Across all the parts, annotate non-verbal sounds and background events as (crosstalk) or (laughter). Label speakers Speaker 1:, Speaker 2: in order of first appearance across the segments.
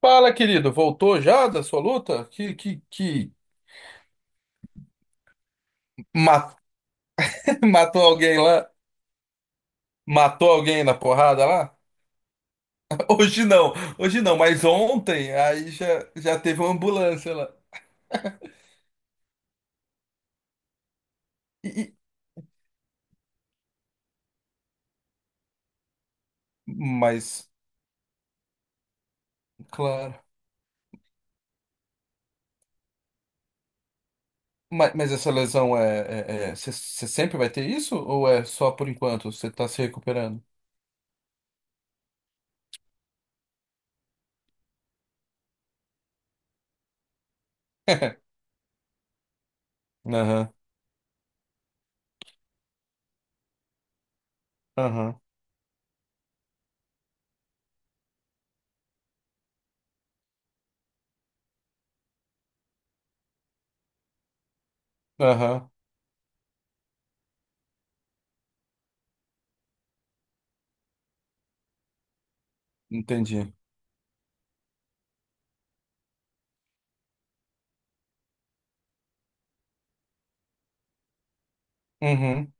Speaker 1: Fala, querido, voltou já da sua luta? Ma- (laughs) matou alguém lá? Matou alguém na porrada lá? (laughs) Hoje não, hoje não, mas ontem aí já teve uma ambulância lá. E- e- mas, claro. Mas essa lesão é. Você sempre vai ter isso? Ou é só por enquanto? Você tá se recuperando? (laughs) Aham, aham, aham, entendi. Uhum.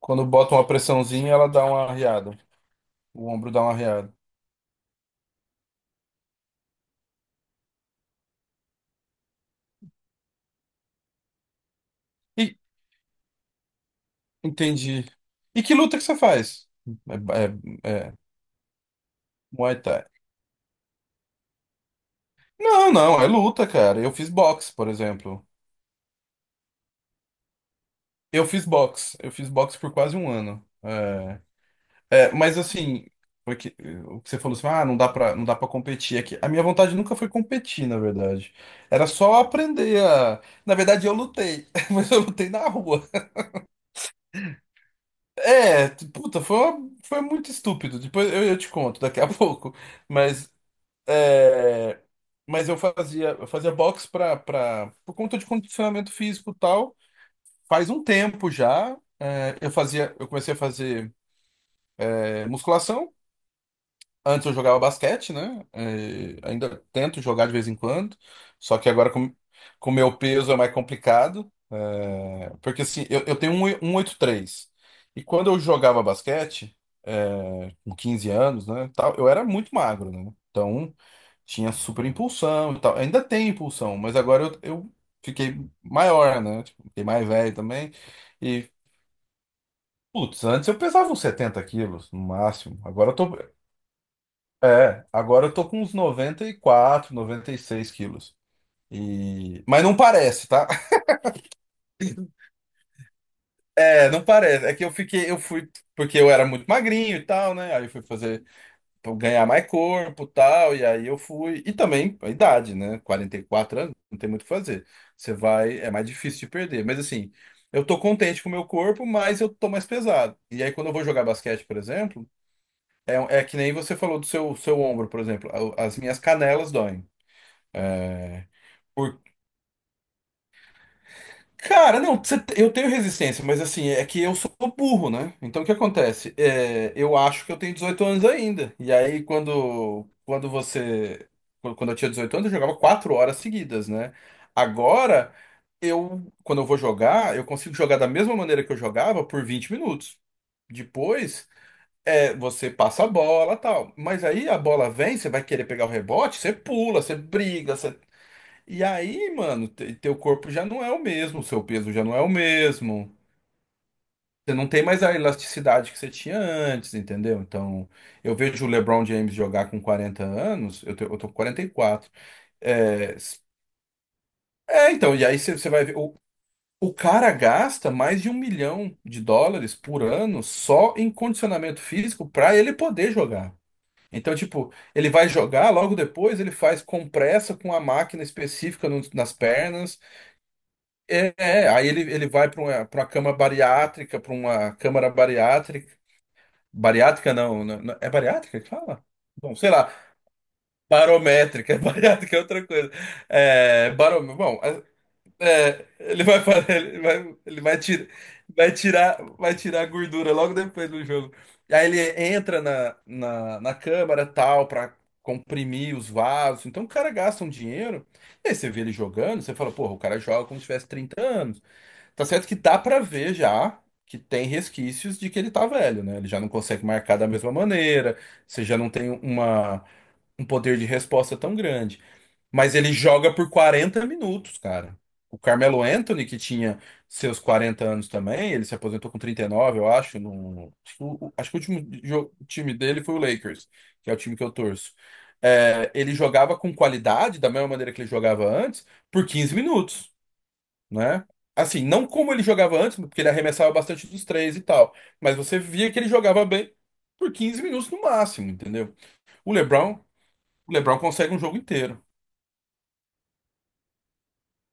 Speaker 1: Quando bota uma pressãozinha, ela dá uma arriada. O ombro dá uma arriada. Entendi. E que luta que você faz? É Muay Thai. Não, não, é luta, cara. Eu fiz boxe, por exemplo. Eu fiz boxe. Eu fiz boxe por quase um ano. É, mas assim, porque, o que você falou assim, ah, não dá pra competir aqui. A minha vontade nunca foi competir, na verdade. Era só aprender a, na verdade, eu lutei, (laughs) mas eu lutei na rua. É, puta, foi, foi muito estúpido. Depois eu te conto daqui a (laughs) pouco. Mas É, mas eu fazia boxe pra, por conta de condicionamento físico e tal. Faz um tempo já. É, eu comecei a fazer musculação. Antes eu jogava basquete, né? Ainda tento jogar de vez em quando, só que agora com o meu peso é mais complicado, porque assim, eu tenho um 1,83. E 83, e quando eu jogava basquete, com 15 anos, né, tal, eu era muito magro, né? Então tinha super impulsão e tal. Ainda tem impulsão, mas agora eu fiquei maior, né? Tipo, fiquei mais velho também. E, putz, antes eu pesava uns 70 quilos no máximo. Agora eu tô. É, agora eu tô com uns 90 94, 96 quilos. E, mas não parece, tá? (laughs) É, não parece. É que eu fui, porque eu era muito magrinho e tal, né? Aí eu fui fazer, pra ganhar mais corpo e tal, e aí eu fui. E também a idade, né? 44 anos, não tem muito o que fazer. Você vai, é mais difícil de perder. Mas assim, eu tô contente com o meu corpo, mas eu tô mais pesado. E aí quando eu vou jogar basquete, por exemplo, é que nem você falou do seu ombro, por exemplo. As minhas canelas doem. É, Por... Cara, não, eu tenho resistência, mas assim, é que eu sou burro, né? Então o que acontece? É, eu acho que eu tenho 18 anos ainda. E aí, quando você. Quando eu tinha 18 anos, eu jogava 4 horas seguidas, né? Agora, eu, quando eu vou jogar, eu consigo jogar da mesma maneira que eu jogava por 20 minutos. Depois, você passa a bola, tal. Mas aí a bola vem, você vai querer pegar o rebote, você pula, você briga, e aí, mano, teu corpo já não é o mesmo, seu peso já não é o mesmo. Você não tem mais a elasticidade que você tinha antes, entendeu? Então, eu vejo o LeBron James jogar com 40 anos, eu tô com 44. É, s- é, então, e aí você vai ver. O cara gasta mais de 1 milhão de dólares por ano só em condicionamento físico para ele poder jogar. Então, tipo, ele vai jogar, logo depois ele faz compressa com a máquina específica nas pernas. É, aí ele vai para uma, cama bariátrica, para uma câmara bariátrica. Bariátrica não, é bariátrica que fala? Bom, sei lá, barométrica, (laughs) bariátrica é outra coisa. É, bom, ele vai, ele vai tirar, vai tirar a gordura logo depois do jogo. E aí ele entra na câmara tal, para comprimir os vasos. Então o cara gasta um dinheiro, e aí você vê ele jogando, você fala, porra, o cara joga como se tivesse 30 anos. Tá certo que dá pra ver já que tem resquícios de que ele tá velho, né? Ele já não consegue marcar da mesma maneira, você já não tem um poder de resposta tão grande. Mas ele joga por 40 minutos, cara. O Carmelo Anthony, que tinha seus 40 anos também, ele se aposentou com 39, eu acho. No, acho que o último time dele foi o Lakers, que é o time que eu torço. É, ele jogava com qualidade, da mesma maneira que ele jogava antes, por 15 minutos, né? Assim, não como ele jogava antes, porque ele arremessava bastante dos três e tal, mas você via que ele jogava bem por 15 minutos no máximo, entendeu? O LeBron, o LeBron consegue um jogo inteiro.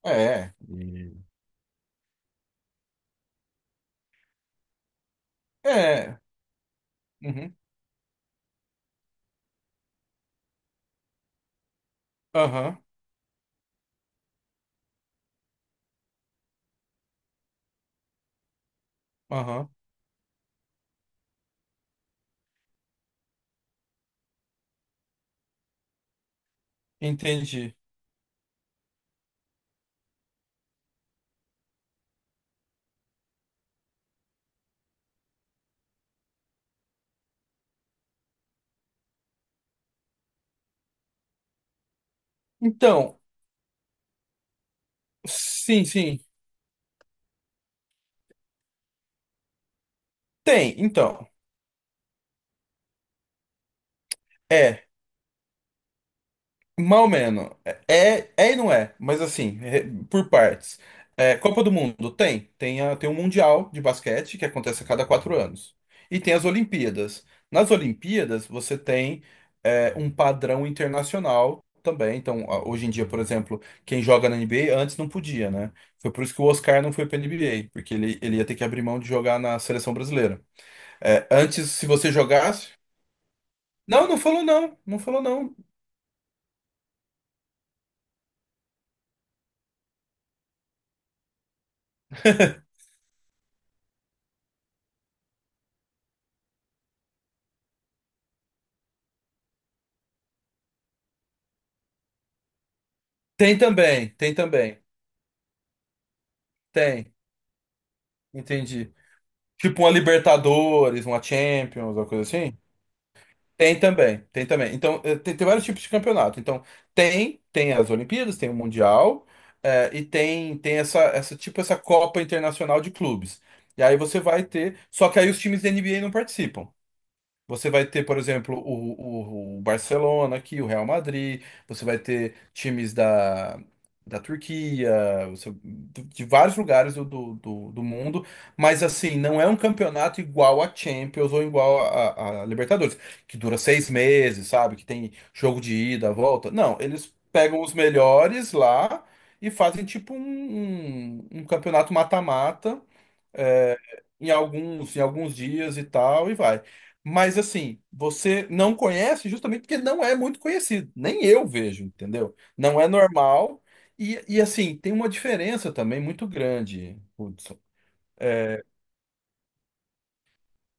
Speaker 1: É, E- é, uhum, aham, aham, entendi. Então, sim, sim, tem, então. É mal menos. É, é e não é, mas assim, por partes. É, Copa do Mundo tem. Tem um Mundial de basquete que acontece a cada 4 anos. E tem as Olimpíadas. Nas Olimpíadas, você tem um padrão internacional também. Então, hoje em dia, por exemplo, quem joga na NBA antes não podia, né? Foi por isso que o Oscar não foi para NBA, porque ele ia ter que abrir mão de jogar na seleção brasileira. É, antes, se você jogasse. Não, não falou não. Não falou não. Tem também, tem também. Tem. Entendi. Tipo uma Libertadores, uma Champions, uma coisa assim? Tem também, tem também. Então, tem vários tipos de campeonato. Então, tem as Olimpíadas, tem o Mundial, e tem tipo, essa Copa Internacional de Clubes. E aí você vai ter. Só que aí os times da NBA não participam. Você vai ter, por exemplo, o Barcelona aqui, o Real Madrid, você vai ter times da Turquia, de vários lugares do mundo, mas assim, não é um campeonato igual a Champions ou igual a Libertadores, que dura 6 meses, sabe? Que tem jogo de ida, volta. Não, eles pegam os melhores lá e fazem tipo um, um campeonato mata-mata em alguns dias e tal, e vai. Mas assim, você não conhece justamente porque não é muito conhecido. Nem eu vejo, entendeu? Não é normal. E assim, tem uma diferença também muito grande, Hudson. É,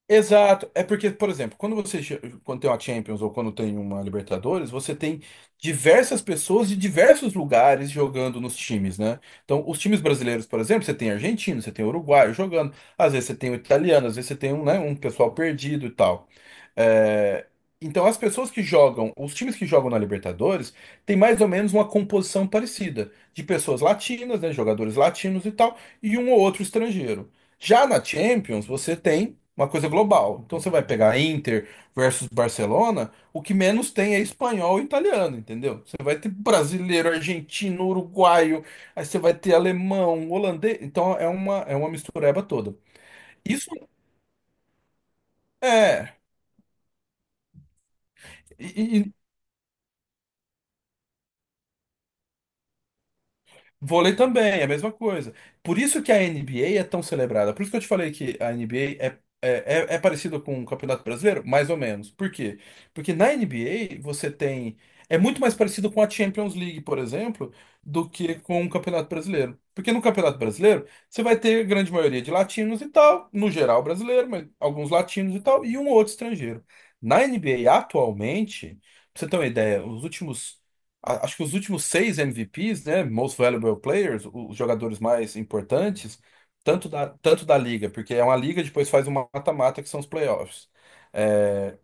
Speaker 1: exato. É porque, por exemplo, quando quando tem uma Champions ou quando tem uma Libertadores, você tem diversas pessoas de diversos lugares jogando nos times, né? Então, os times brasileiros, por exemplo, você tem argentino, você tem uruguaio jogando, às vezes você tem o italiano, às vezes você tem um, né, um pessoal perdido e tal. É, então, as pessoas que jogam, os times que jogam na Libertadores, tem mais ou menos uma composição parecida de pessoas latinas, né, jogadores latinos e tal, e um ou outro estrangeiro. Já na Champions, você tem uma coisa global. Então você vai pegar Inter versus Barcelona, o que menos tem é espanhol e italiano, entendeu? Você vai ter brasileiro, argentino, uruguaio, aí você vai ter alemão, holandês. Então é uma mistureba toda. Isso é. E, vôlei também, é a mesma coisa. Por isso que a NBA é tão celebrada. Por isso que eu te falei que a NBA é parecida com o Campeonato Brasileiro? Mais ou menos. Por quê? Porque na NBA você tem. É muito mais parecido com a Champions League, por exemplo, do que com o Campeonato Brasileiro. Porque no Campeonato Brasileiro você vai ter a grande maioria de latinos e tal, no geral brasileiro, mas alguns latinos e tal, e um ou outro estrangeiro. Na NBA atualmente, pra você ter uma ideia, os últimos acho que os últimos 6 MVPs, né, Most Valuable Players, os jogadores mais importantes, tanto da liga, porque é uma liga, depois faz uma mata-mata, que são os playoffs. É,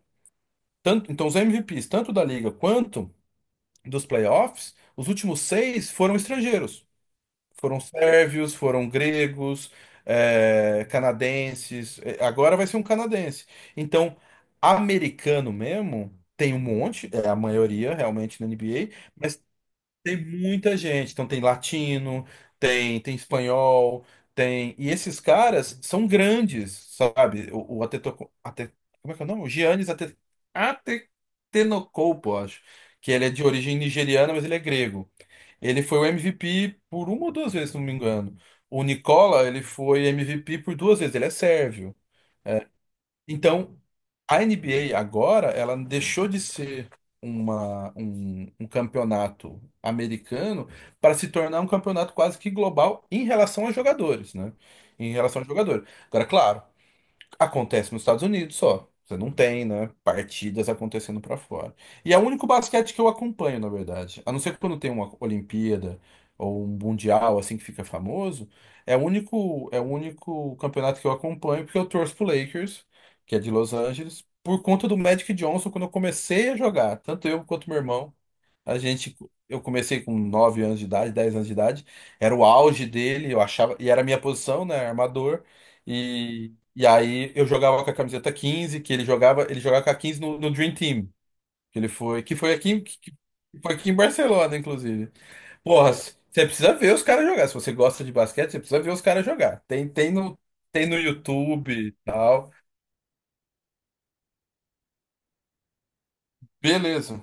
Speaker 1: tanto, então, os MVPs, tanto da liga quanto dos playoffs, os últimos 6 foram estrangeiros. Foram sérvios, foram gregos, canadenses. É, agora vai ser um canadense. Então, americano mesmo, tem um monte, é a maioria realmente na NBA. Tem muita gente, então tem latino, tem espanhol, tem. E esses caras são grandes, sabe? Como é que é o nome? O Giannis Atetenokounmpo, acho. Que ele é de origem nigeriana, mas ele é grego. Ele foi o MVP por uma ou duas vezes, se não me engano. O Nicola, ele foi MVP por duas vezes, ele é sérvio. Então, a NBA agora, ela deixou de ser um campeonato americano para se tornar um campeonato quase que global em relação a jogadores, né? Em relação a jogadores. Agora, claro. Acontece nos Estados Unidos só. Você não tem, né? Partidas acontecendo pra fora. E é o único basquete que eu acompanho, na verdade. A não ser quando tem uma Olimpíada ou um Mundial, assim, que fica famoso. É o único campeonato que eu acompanho, porque eu torço pro Lakers, que é de Los Angeles, por conta do Magic Johnson, quando eu comecei a jogar, tanto eu quanto meu irmão. A gente, eu comecei com 9 anos de idade, 10 anos de idade. Era o auge dele, eu achava, e era a minha posição, né, armador. E aí eu jogava com a camiseta 15 que ele jogava com a 15 no Dream Team, que ele foi, que foi aqui, que foi aqui em Barcelona, inclusive. Porra, você precisa ver os caras jogar. Se você gosta de basquete, você precisa ver os caras jogar. Tem no YouTube e tal. Beleza.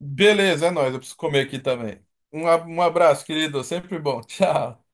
Speaker 1: Beleza, é nóis. Eu preciso comer aqui também. Um abraço, querido. Sempre bom. (laughs) Tchau.